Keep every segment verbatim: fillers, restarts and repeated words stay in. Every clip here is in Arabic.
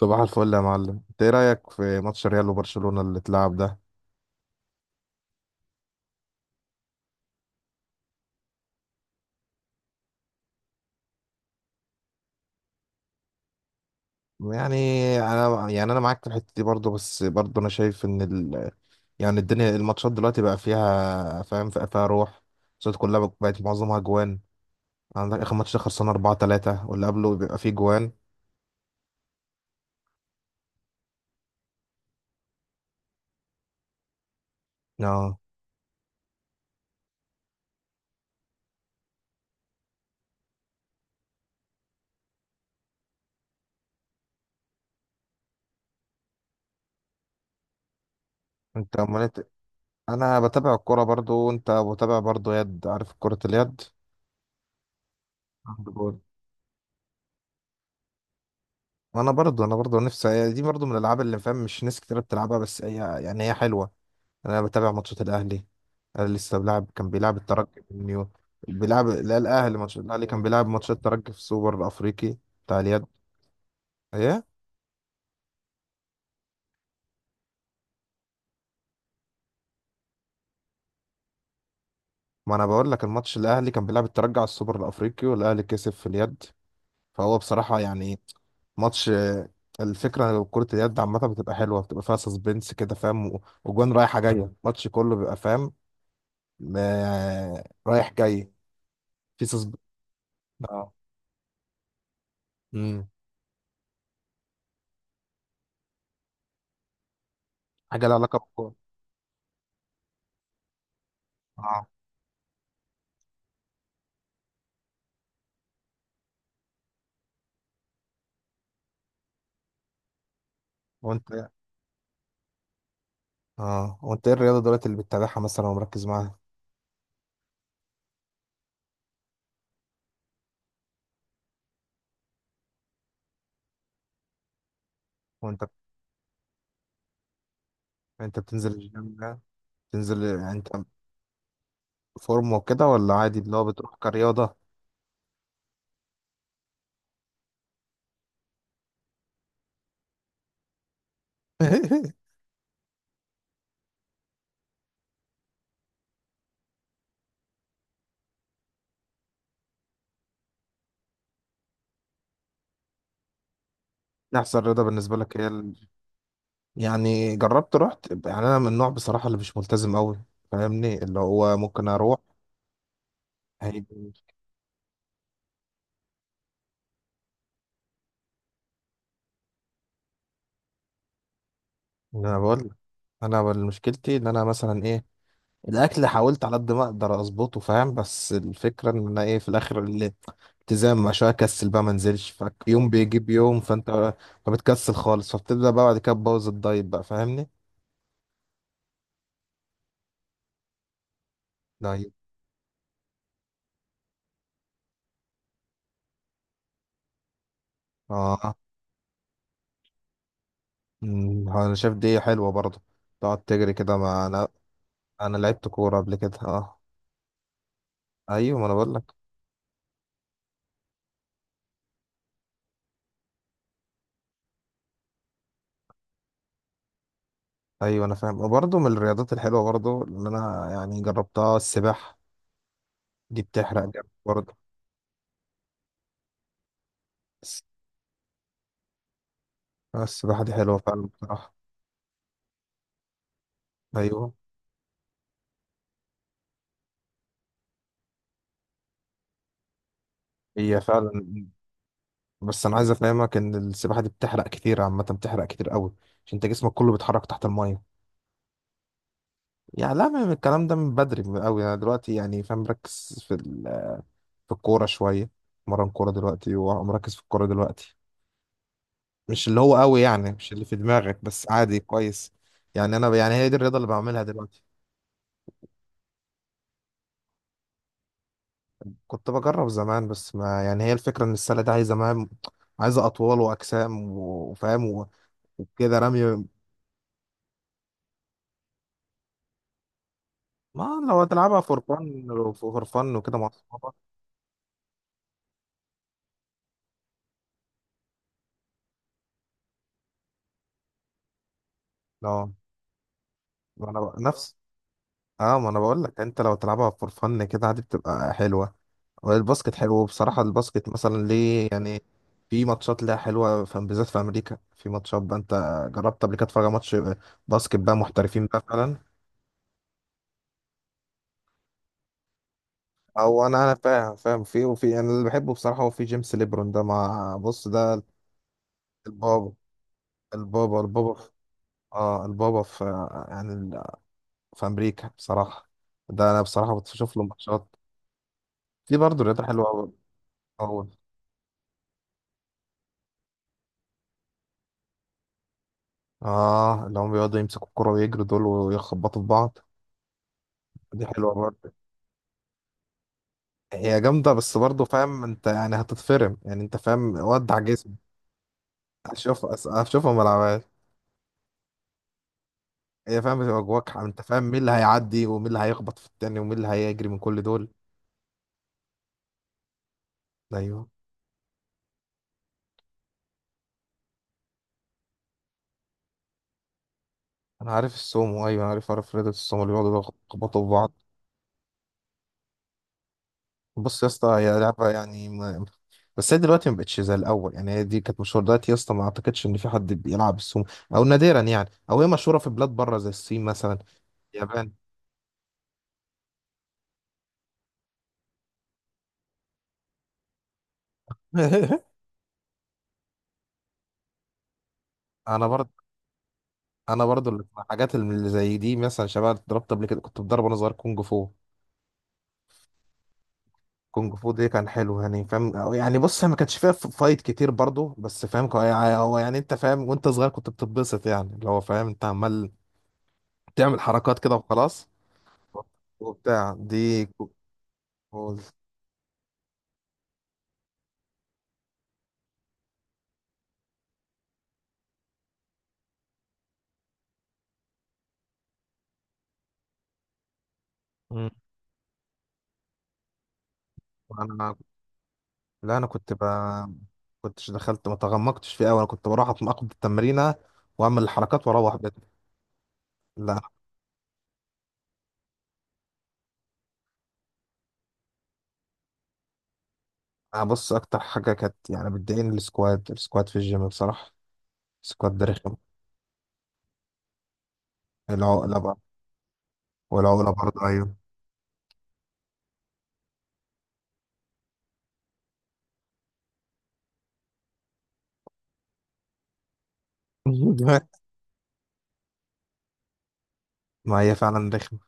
صباح الفل يا معلم، انت ايه رايك في ماتش ريال وبرشلونه اللي اتلعب ده؟ يعني انا يعني انا معاك في الحته دي برضو. بس برضو انا شايف ان ال... يعني الدنيا الماتشات دلوقتي بقى فيها فاهم بقى فيها روح الصوت كلها بقت معظمها جوان. عندك اخر ماتش ده خلصنا اربعه ثلاثه واللي قبله بيبقى فيه جوان. اه. انت امال انت- انا بتابع الكوره برضو. انت بتابع برضو يد؟ عارف كره اليد؟ عند جون. انا برضو انا برضو نفسي دي برضو من الالعاب اللي فاهم مش ناس كتير بتلعبها. بس هي يعني هي حلوه. انا بتابع ماتشات الاهلي. انا لسه بلعب، كان بيلعب الترجي من يوم، بيلعب لا الاهلي، ماتش الاهلي كان بيلعب ماتش الترجي في السوبر الافريقي بتاع اليد. ايه؟ ما انا بقول لك الماتش، الاهلي كان بيلعب الترجي على السوبر الافريقي والاهلي كسب في اليد. فهو بصراحه يعني ماتش. الفكره لو كره اليد عامه بتبقى حلوه، بتبقى فيها سسبنس كده فاهم، و- وجوان رايحه جايه، الماتش كله بيبقى فاهم، ما- رايح جاي، في سسبنس. اه. امم حاجه لها علاقه بالكوره. اه، وانت إيه؟ اه، وانت ايه الرياضه دلوقتي اللي بتتابعها مثلا ومركز معاها؟ وانت انت بتنزل الجيم ده؟ بتنزل يعني انت فورم وكده، ولا عادي اللي هو بتروح كرياضه؟ احسن رياضه بالنسبه لك هي ال...؟ يعني جربت رحت. يعني انا من النوع بصراحه اللي مش ملتزم قوي، فاهمني؟ اللي هو ممكن اروح. هيجي. انا بقول لك، انا بال- مشكلتي ان انا مثلا ايه، الاكل حاولت على قد ما اقدر اظبطه فاهم. بس الفكره ان انا ايه في الاخر، الالتزام، عشان اكسل بقى ما انزلش. فيوم بيجيب يوم فانت فبتكسل خالص. فبتبدا بقى بعد كده تبوظ الدايت بقى، فاهمني؟ دايت. اه. أمم، انا شايف دي حلوه برضه. تقعد تجري كده، ما انا انا لعبت كوره قبل كده اه. ايوه ما انا بقول لك. ايوه انا فاهم. وبرضه من الرياضات الحلوه برضه اللي انا يعني جربتها السباحه. دي بتحرق جامد برضه. الس- السباحه دي حلوه فعلا بصراحه. ايوه. هي فعلا. بس انا عايز افهمك ان السباحه دي بتحرق كتير عامه، بتحرق كتير قوي، عشان انت جسمك كله بيتحرك تحت الميه. يعني لا، من الكلام ده من بدري من قوي. انا دلوقتي يعني فاهم مركز في ال- في الكوره شويه. مرن كوره دلوقتي ومركز في الكوره دلوقتي. مش اللي هو قوي يعني مش اللي في دماغك، بس عادي كويس. يعني انا يعني هي دي الرياضه اللي بعملها دلوقتي. كنت بجرب زمان. بس ما يعني هي الفكره ان السله دي عايزه مهام، عايزه اطوال واجسام و- وفاهم و- وكده رمي. ما لو هتلعبها فور فن، فور فن وكده مع اصحابك. لو ما انا بق- نفس. اه ما انا بقول لك، انت لو تلعبها فور فن كده عادي بتبقى حلوه. والباسكت حلو بصراحه. الباسكت مثلا ليه يعني في ماتشات ليها حلوه، في بالذات في امريكا في ماتشات بقى. انت جربت قبل كده تتفرج على ماتش باسكت بقى محترفين بقى فعلا؟ او انا انا فاهم فاهم في وفي. انا اللي بحبه بصراحه هو في جيمس ليبرون ده، مع بص ده البابا البابا، البابا في- اه البابا في يعني في امريكا بصراحه. ده انا بصراحه بشوف له ماتشات. في برضه رياضه حلوه قوي. اول اه، اللي هم بيقعدوا يمسكوا الكرة ويجروا دول ويخبطوا في بعض. دي حلوه برضه. هي جامده. بس برضه فاهم انت يعني هتتفرم يعني انت فاهم، ودع جسمك. اشوف، اشوفها ما العبهاش. هي فاهم بتبقى جواك انت، فاهم مين اللي هيعدي ومين اللي هيخبط في التاني ومين اللي هيجري من كل دول. ايوه انا عارف السومو. ايوه انا عارف، عارف رياضه السومو اللي بيقعدوا يخبطوا في بعض. بص يا اسطى هي لعبة يعني ما... بس هي دلوقتي ما بقتش زي الأول. يعني هي دي كانت مشهورة. دلوقتي يا اسطى ما أعتقدش إن في حد بيلعب السومو، أو نادرا. يعني أو هي مشهورة في بلاد بره زي الصين مثلا، اليابان. أنا برضه أنا برضه اللي- الحاجات اللي زي دي، مثلا شباب اتضربت قبل كده، كنت بتضرب وأنا صغير كونج فو. كونج فو دي كان حلو يعني فاهم. أو يعني بص هي ما كانش فيها ف- فايت كتير برضه. بس فاهم كو- يعني هو يعني أنت فاهم، وأنت صغير كنت بتتبسط يعني اللي هو فاهم. أنت عمال تعمل حركات كده وخلاص. وبتاع دي. مم. انا لا انا كنت ب... كنتش دخلت، ما تغمقتش فيه قوي. انا كنت بروح اتناقض التمرينه واعمل الحركات واروح بيت. لا أنا بص اكتر حاجه كانت يعني بتضايقني السكواد. السكواد في الجيم بصراحه، السكواد ده رخم. العقله بقى، والعقله برضه ايوه. ما هي فعلا رخمه.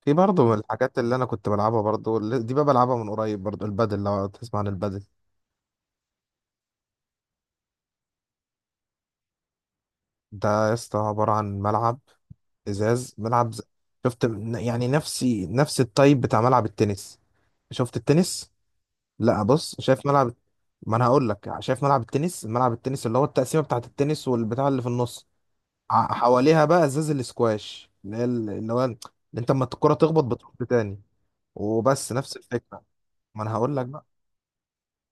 في برضه من الحاجات اللي انا كنت بلعبها برضه اللي- دي بقى بلعبها من قريب برضه، البادل، لو تسمع عن البادل. ده يا اسطى عباره عن ملعب ازاز، ملعب ز... شفت؟ يعني نفسي، نفس التايب بتاع ملعب التنس، شفت التنس؟ لا بص، شايف ملعب، ما انا هقول لك. شايف ملعب التنس؟ ملعب التنس اللي هو التقسيمه بتاعه التنس والبتاع اللي في النص. ع- حواليها بقى ازاز الاسكواش اللي هي ال- اللي هو اللي انت اما الكره تخبط بتروح تاني. وبس نفس الفكره. ما انا هقول لك بقى،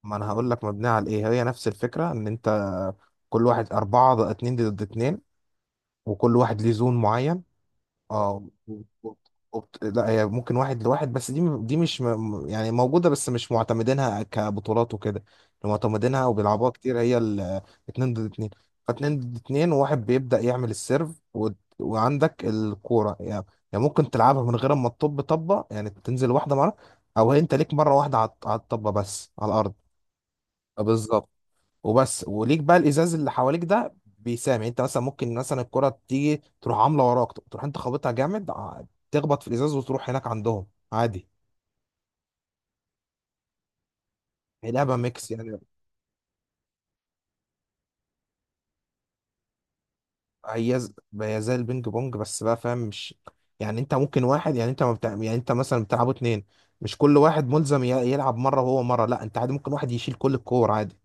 ما انا هقول لك مبنيه على ايه. هي نفس الفكره ان انت كل واحد اربعه ضد- اتنين ضد اتنين، وكل واحد ليه زون معين. اه. وبت- وبت- لا هي ممكن واحد لواحد، بس دي دي مش م- يعني موجودة بس مش معتمدينها كبطولات وكده. اللي معتمدينها وبيلعبوها كتير هي ال- اتنين ضد اتنين. فاتنين ضد اتنين، وواحد بيبدأ يعمل السيرف و... وعندك الكورة يعني. يعني ممكن تلعبها من غير ما تطب طبة، يعني تنزل واحدة مرة، أو هي أنت ليك مرة واحدة على الط- على الطبة بس على الأرض. بالظبط. وبس وليك بقى الازاز اللي حواليك ده، بيسامع. انت مثلا ممكن مثلا الكره تيجي تروح عامله وراك، تروح انت خابطها جامد ع- تخبط في الازاز وتروح هناك عندهم عادي. هي لعبه ميكس يعني. هي ز- هي زي البينج بونج، بس بقى فاهم مش يعني انت ممكن واحد، يعني انت ما بتاع... يعني انت مثلا بتلعبوا اتنين، مش كل واحد ملزم ي- يلعب مره وهو مره. لا انت عادي ممكن واحد يشيل كل الكور عادي.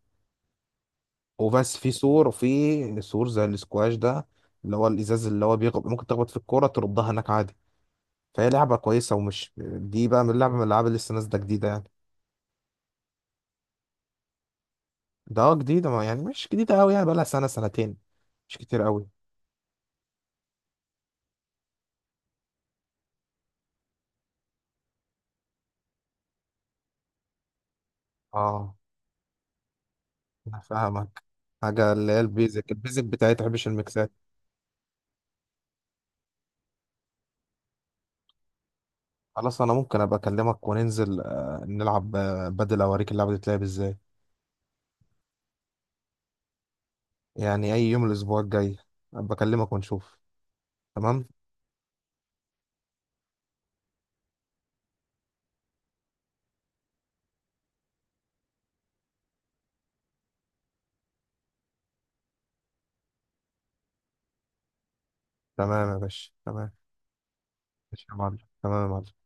وبس في سور، وفي سور زي الاسكواش ده، اللي هو الازاز اللي هو بيغب... ممكن تخبط في الكوره تردها هناك عادي. فهي لعبة كويسة. ومش دي بقى من اللعبة، من الألعاب اللي لسه نازلة جديدة يعني. ده اه جديدة، ما يعني مش جديدة أوي، يعني بقالها سنة سنتين، مش كتير أوي. اه أنا فاهمك. حاجة اللي هي البيزك، البيزك بتاعتها مش الميكسات. خلاص أنا ممكن أبقى أكلمك وننزل آه، نلعب آه، بدل أوريك اللعبة دي بتلعب إزاي. يعني أي يوم الأسبوع الجاي أبقى أكلمك ونشوف. تمام. تمام يا باشا، تمام. ماشي يا معلم، تمام يا معلم.